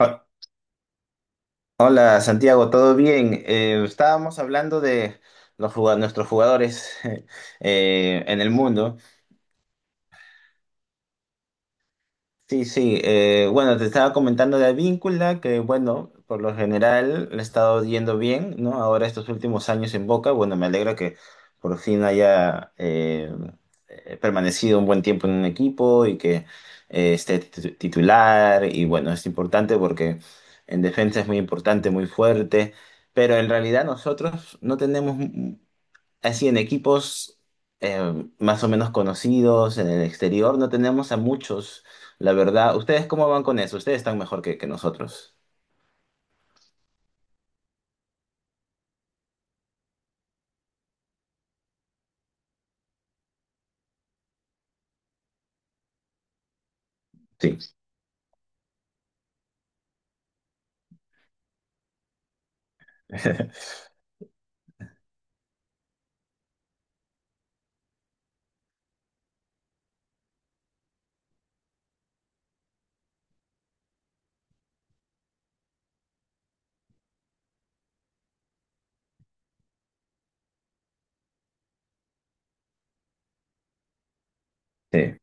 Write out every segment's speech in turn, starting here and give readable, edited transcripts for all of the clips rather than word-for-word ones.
Ho- Hola Santiago, ¿todo bien? Estábamos hablando de nuestros jugadores en el mundo. Sí, sí. Bueno, te estaba comentando de Advíncula, que bueno, por lo general le ha estado yendo bien, ¿no? Ahora estos últimos años en Boca, bueno, me alegra que por fin haya permanecido un buen tiempo en un equipo y que esté titular. Y bueno, es importante porque en defensa es muy importante, muy fuerte. Pero en realidad nosotros no tenemos. Así en equipos más o menos conocidos en el exterior no tenemos a muchos, la verdad. ¿Ustedes cómo van con eso? Ustedes están mejor que nosotros. Sí, sí,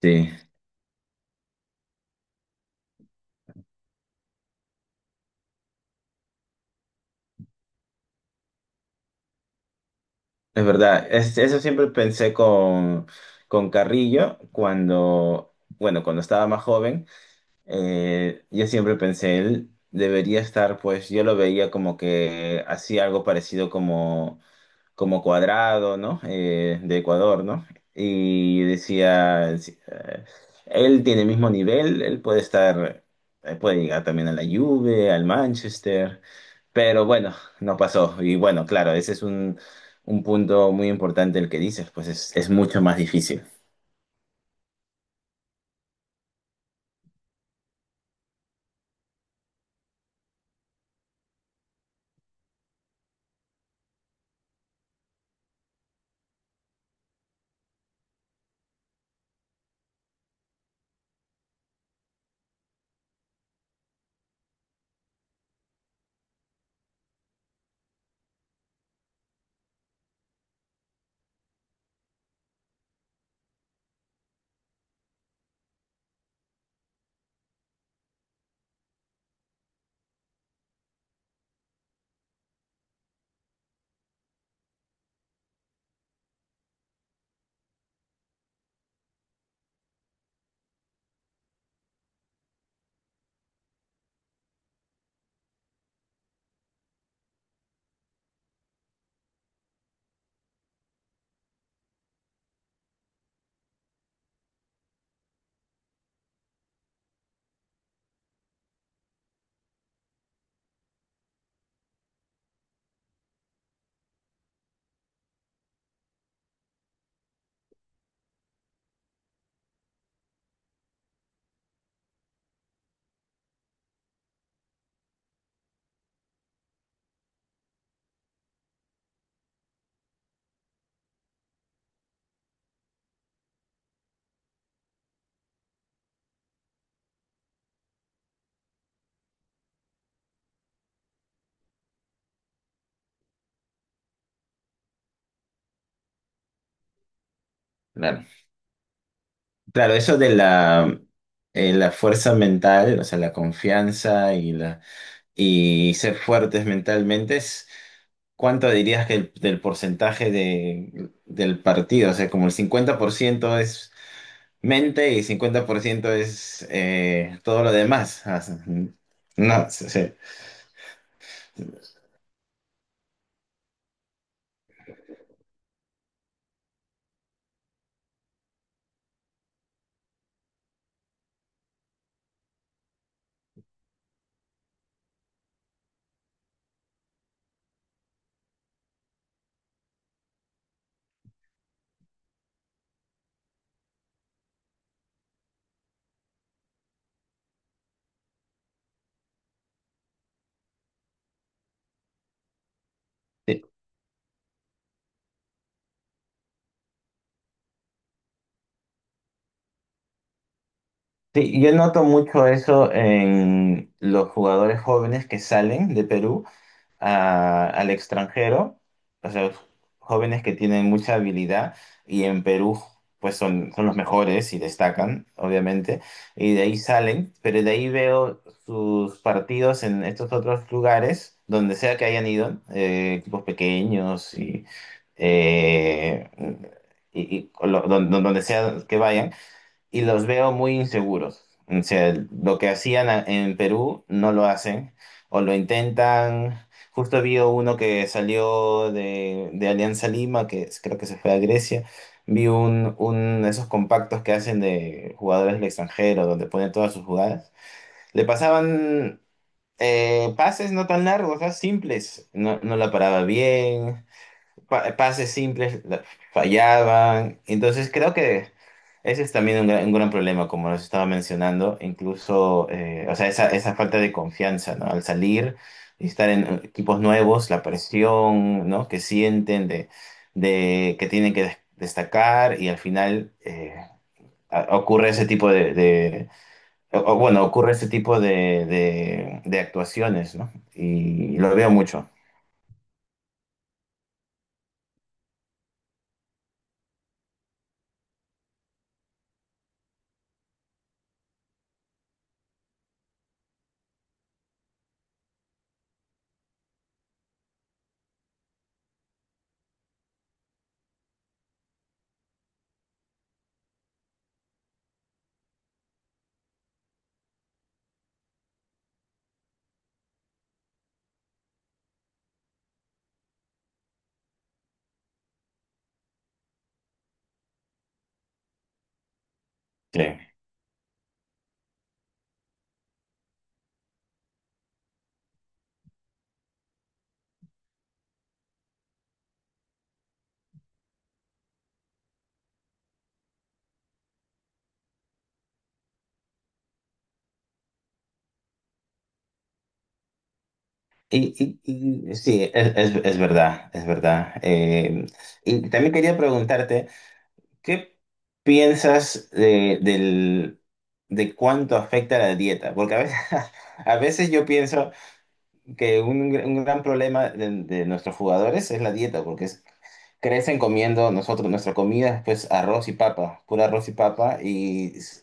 sí, es verdad. Eso siempre pensé con Carrillo cuando, bueno, cuando estaba más joven. Yo siempre pensé, él debería estar, pues yo lo veía como que hacía algo parecido como como Cuadrado, ¿no? De Ecuador, ¿no? Y decía, sí, él tiene el mismo nivel, él puede estar, puede llegar también a la Juve, al Manchester, pero bueno, no pasó. Y bueno, claro, ese es un punto muy importante el que dices, pues es mucho más difícil. Claro. Claro, eso de la, la fuerza mental, o sea, la confianza y la y ser fuertes mentalmente, ¿cuánto dirías que del porcentaje de, del partido? O sea, como el 50% es mente y 50% es todo lo demás. O sea, no, sí, sí. Sí, sí, yo noto mucho eso en los jugadores jóvenes que salen de Perú. Al extranjero, o sea, jóvenes que tienen mucha habilidad y en Perú pues son, son los mejores y destacan, obviamente, y de ahí salen, pero de ahí veo sus partidos en estos otros lugares, donde sea que hayan ido, equipos pequeños y, eh, donde sea que vayan y los veo muy inseguros. O sea, lo que hacían en Perú no lo hacen o lo intentan. Justo vi uno que salió de Alianza Lima, creo que se fue a Grecia. Vi un esos compactos que hacen de jugadores del extranjero, donde ponen todas sus jugadas. Le pasaban pases no tan largos, o sea, simples. No, no la paraba bien, pases simples fallaban. Entonces creo que ese es también un gran problema, como les estaba mencionando, incluso, o sea, esa falta de confianza, ¿no? Al salir y estar en equipos nuevos, la presión, ¿no? Que sienten de que tienen que destacar y al final ocurre ese tipo de, bueno, ocurre ese tipo de actuaciones, ¿no? Y lo veo mucho. Sí. Y, sí, es, es verdad, es verdad. Y también quería preguntarte, ¿qué piensas de, del, de cuánto afecta la dieta? Porque a veces, a veces yo pienso que un gran problema de nuestros jugadores es la dieta, porque es crecen comiendo nosotros, nuestra comida, pues arroz y papa, pura arroz y papa,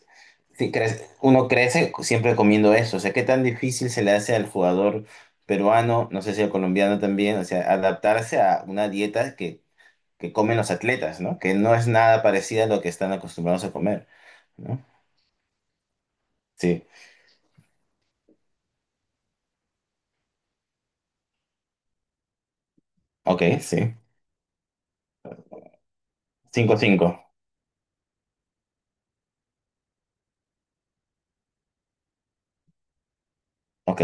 si crece, uno crece siempre comiendo eso. O sea, qué tan difícil se le hace al jugador peruano, no sé si al colombiano también, o sea, adaptarse a una dieta que comen los atletas, ¿no? Que no es nada parecida a lo que están acostumbrados a comer, ¿no? Sí, ok, sí. Cinco cinco. Ok,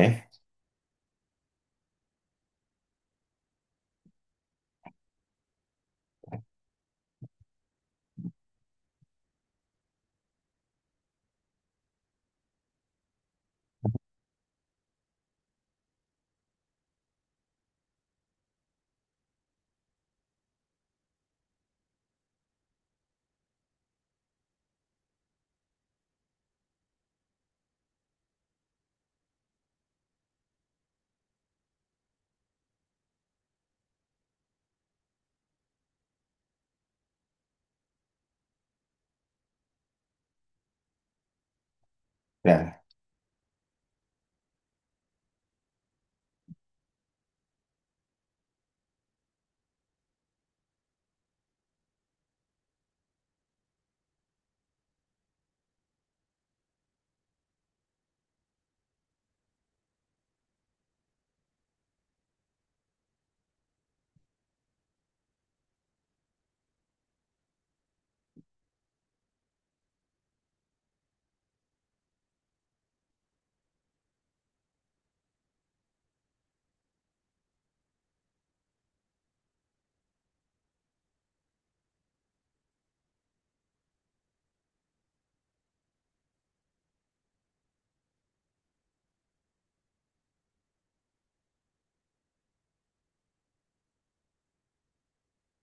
claro.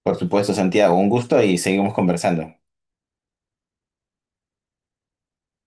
Por supuesto, Santiago, un gusto y seguimos conversando.